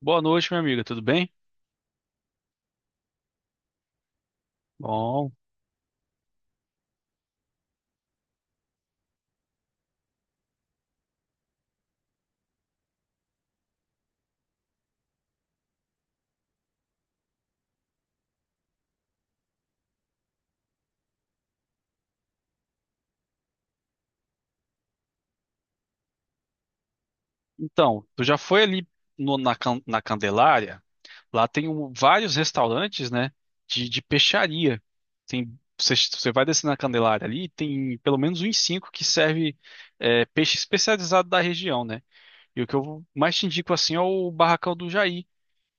Boa noite, minha amiga, tudo bem? Bom, então, tu já foi ali na na Candelária? Lá tem vários restaurantes, né, de peixaria. Tem, você vai descer na Candelária ali, tem pelo menos uns cinco que serve peixe especializado da região, né? E o que eu mais te indico, assim, é o Barracão do Jair,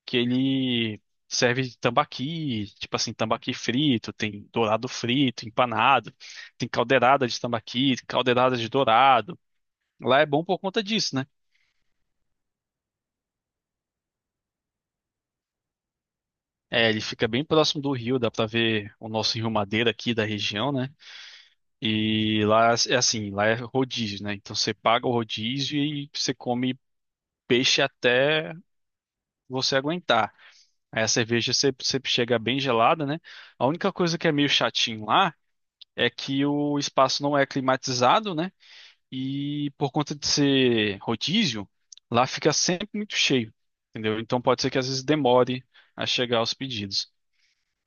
que ele serve de tambaqui, tipo assim, tambaqui frito, tem dourado frito, empanado, tem caldeirada de tambaqui, caldeirada de dourado, lá é bom por conta disso, né? É, ele fica bem próximo do rio, dá pra ver o nosso Rio Madeira aqui da região, né? E lá é assim, lá é rodízio, né? Então você paga o rodízio e você come peixe até você aguentar. Aí a cerveja sempre chega bem gelada, né? A única coisa que é meio chatinho lá é que o espaço não é climatizado, né? E por conta de ser rodízio, lá fica sempre muito cheio, entendeu? Então pode ser que às vezes demore a chegar aos pedidos.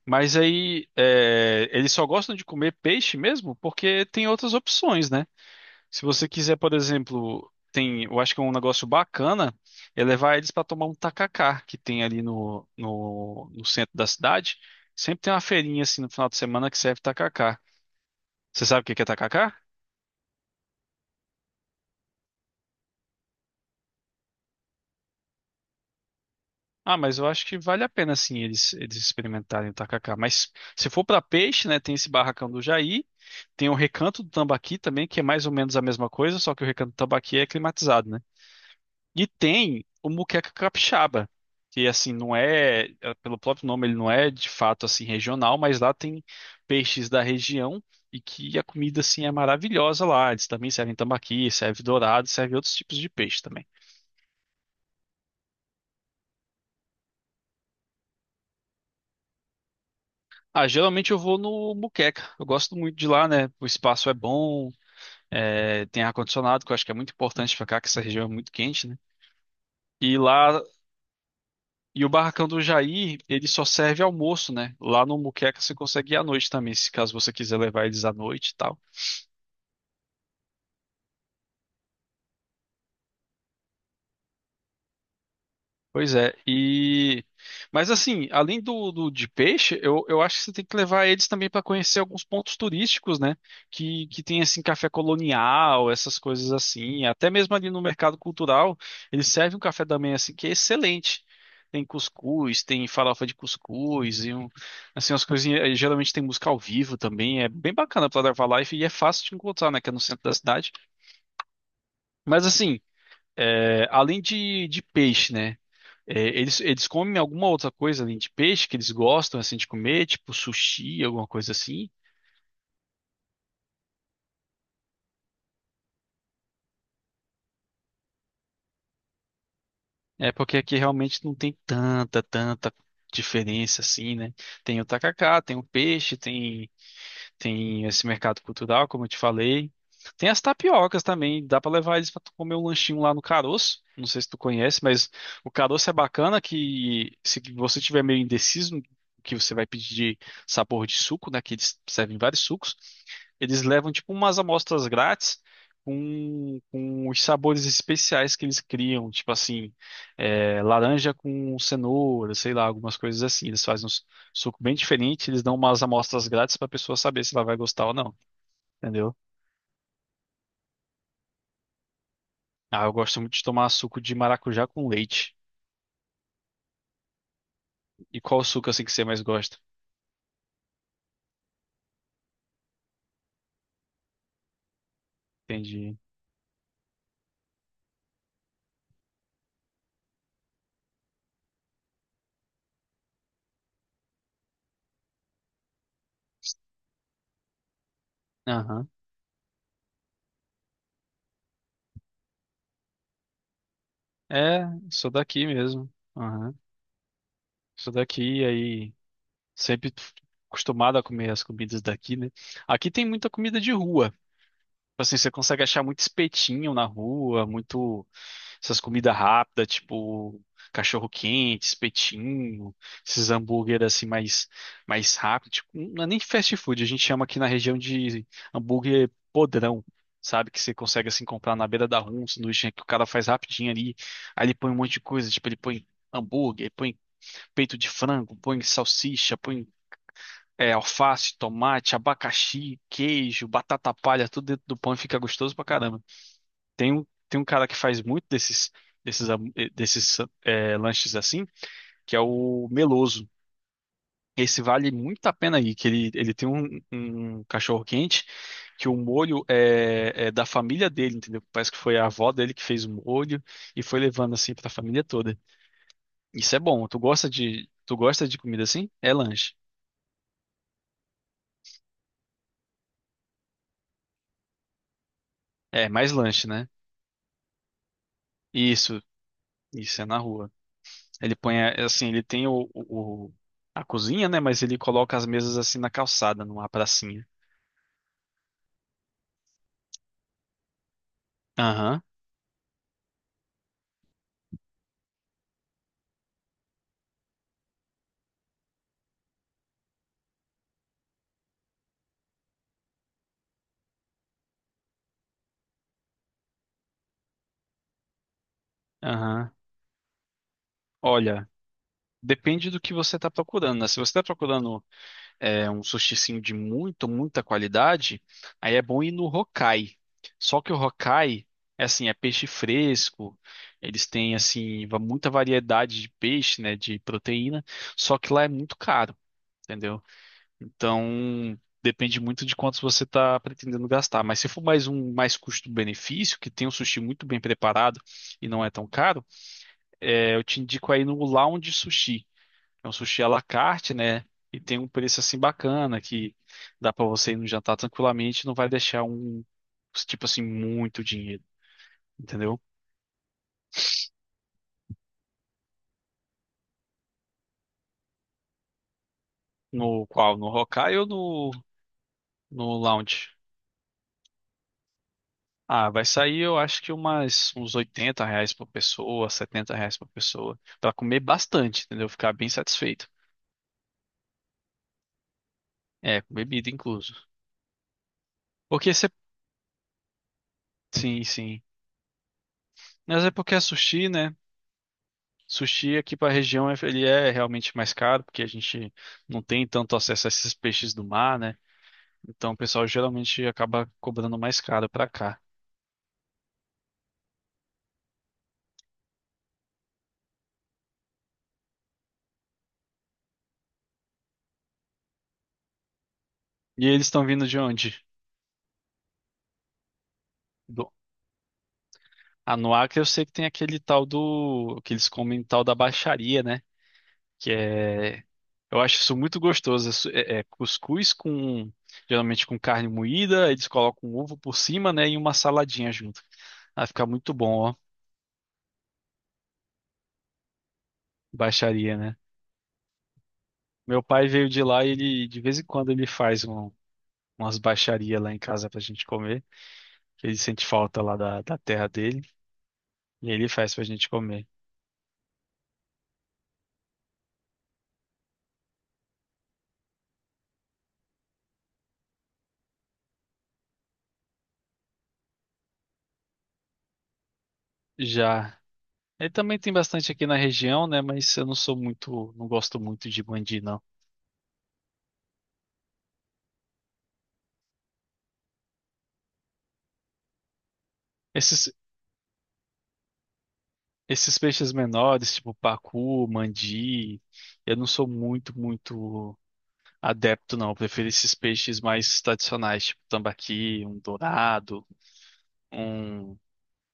Mas aí, eles só gostam de comer peixe mesmo porque tem outras opções, né? Se você quiser, por exemplo, tem, eu acho que é um negócio bacana é levar eles para tomar um tacacá que tem ali no centro da cidade. Sempre tem uma feirinha assim no final de semana que serve tacacá. Você sabe o que que é tacacá? Ah, mas eu acho que vale a pena sim eles experimentarem o tacacá. Mas se for para peixe, né, tem esse barracão do Jair, tem o Recanto do Tambaqui também, que é mais ou menos a mesma coisa, só que o Recanto do Tambaqui é climatizado, né? E tem o Muqueca Capixaba, que assim não é, pelo próprio nome ele não é de fato assim regional, mas lá tem peixes da região e que a comida assim é maravilhosa lá. Eles também servem tambaqui, serve dourado, serve outros tipos de peixe também. Ah, geralmente eu vou no Moqueca. Eu gosto muito de lá, né? O espaço é bom, é, tem ar-condicionado, que eu acho que é muito importante pra cá, que essa região é muito quente, né? E lá, e o barracão do Jair, ele só serve almoço, né? Lá no Moqueca você consegue ir à noite também, se caso você quiser levar eles à noite e tal. Pois é, e mas assim, além do, do de peixe, eu acho que você tem que levar eles também para conhecer alguns pontos turísticos, né? Que tem assim café colonial, essas coisas assim. Até mesmo ali no mercado cultural, eles servem um café da manhã assim que é excelente. Tem cuscuz, tem farofa de cuscuz e assim umas coisinhas. E geralmente tem música ao vivo também. É bem bacana para levar live e é fácil de encontrar, né? Que é no centro da cidade. Mas assim, é, além de peixe, né? É, eles comem alguma outra coisa além de peixe que eles gostam assim de comer, tipo sushi, alguma coisa assim. É porque aqui realmente não tem tanta diferença assim, né? Tem o tacacá, tem o peixe, tem tem esse mercado cultural, como eu te falei. Tem as tapiocas também, dá para levar eles para comer um lanchinho lá no Caroço. Não sei se tu conhece, mas o Caroço é bacana que se você tiver meio indeciso o que você vai pedir de sabor de suco, né, que eles servem vários sucos, eles levam tipo umas amostras grátis com os sabores especiais que eles criam, tipo assim, laranja com cenoura, sei lá, algumas coisas assim. Eles fazem uns, suco bem diferente, eles dão umas amostras grátis pra pessoa saber se ela vai gostar ou não, entendeu? Ah, eu gosto muito de tomar suco de maracujá com leite. E qual suco assim que você mais gosta? Entendi. Aham. É, sou daqui mesmo. Aham. Sou daqui, aí sempre acostumado a comer as comidas daqui, né? Aqui tem muita comida de rua. Tipo assim, você consegue achar muito espetinho na rua, muito essas comidas rápidas, tipo cachorro quente, espetinho, esses hambúrguer assim mais rápido, tipo, não é nem fast food, a gente chama aqui na região de hambúrguer podrão. Sabe, que você consegue assim comprar na beira da rua, um sanduíche que o cara faz rapidinho ali. Aí ele põe um monte de coisa, tipo, ele põe hambúrguer, põe peito de frango, põe salsicha, põe alface, tomate, abacaxi, queijo, batata palha, tudo dentro do pão e fica gostoso pra caramba. Tem um cara que faz muito desses, desses, am- eh, desses lanches assim, que é o Meloso. Esse vale muito a pena aí, que ele tem um, um cachorro quente, que o molho é da família dele, entendeu? Parece que foi a avó dele que fez o molho e foi levando assim pra família toda. Isso é bom. Tu gosta de comida assim? É lanche. É, mais lanche, né? Isso, isso é na rua. Ele põe, assim, ele tem a cozinha, né? Mas ele coloca as mesas assim na calçada, numa pracinha. Aham, aham. Olha, depende do que você está procurando, né? Se você está procurando um sushizinho de muita qualidade, aí é bom ir no Hokkai. Só que o Hokkai, é assim, é peixe fresco, eles têm, assim, muita variedade de peixe, né? De proteína, só que lá é muito caro, entendeu? Então, depende muito de quantos você está pretendendo gastar. Mas se for mais um mais custo-benefício, que tem um sushi muito bem preparado e não é tão caro, é, eu te indico aí no Lounge Sushi. É um sushi à la carte, né? E tem um preço assim bacana que dá para você ir no jantar tranquilamente, não vai deixar um tipo assim muito dinheiro, entendeu? No qual? No Hokkaido ou no Lounge? Ah, vai sair, eu acho que umas, uns 80 reais por pessoa, 70 reais por pessoa. Pra comer bastante, entendeu? Ficar bem satisfeito. É, com bebida incluso. Porque você. Sim, sim. Mas é porque é sushi, né? Sushi aqui pra região é- ele é realmente mais caro, porque a gente não tem tanto acesso a esses peixes do mar, né? Então o pessoal geralmente acaba cobrando mais caro pra cá. E eles estão vindo de onde? Do... Ah, no Acre eu sei que tem aquele tal do. Que eles comem tal da baixaria, né? Que é, eu acho isso muito gostoso. É, é- é cuscuz com, geralmente com carne moída, aí eles colocam um ovo por cima, né, e uma saladinha junto. Ah, fica muito bom, ó. Baixaria, né? Meu pai veio de lá e ele, de vez em quando, ele faz umas baixarias lá em casa pra gente comer, que ele sente falta lá da terra dele, e ele faz pra gente comer. Já. Ele também tem bastante aqui na região, né? Mas eu não sou muito, não gosto muito de mandi, não. Esses peixes menores, tipo pacu, mandi, eu não sou muito adepto, não. Eu prefiro esses peixes mais tradicionais, tipo tambaqui, um dourado, um.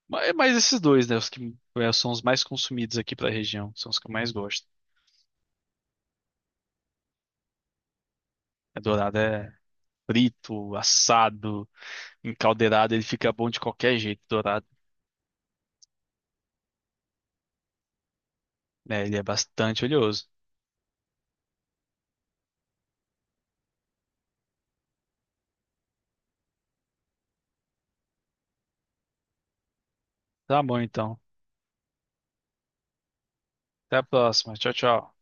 É mais esses dois, né? Os que são os mais consumidos aqui pra região, são os que eu mais gosto. É dourado é frito, assado, encaldeirado, ele fica bom de qualquer jeito, dourado. Né? Ele é bastante oleoso. Tá bom, então. Até a próxima. Tchau, tchau.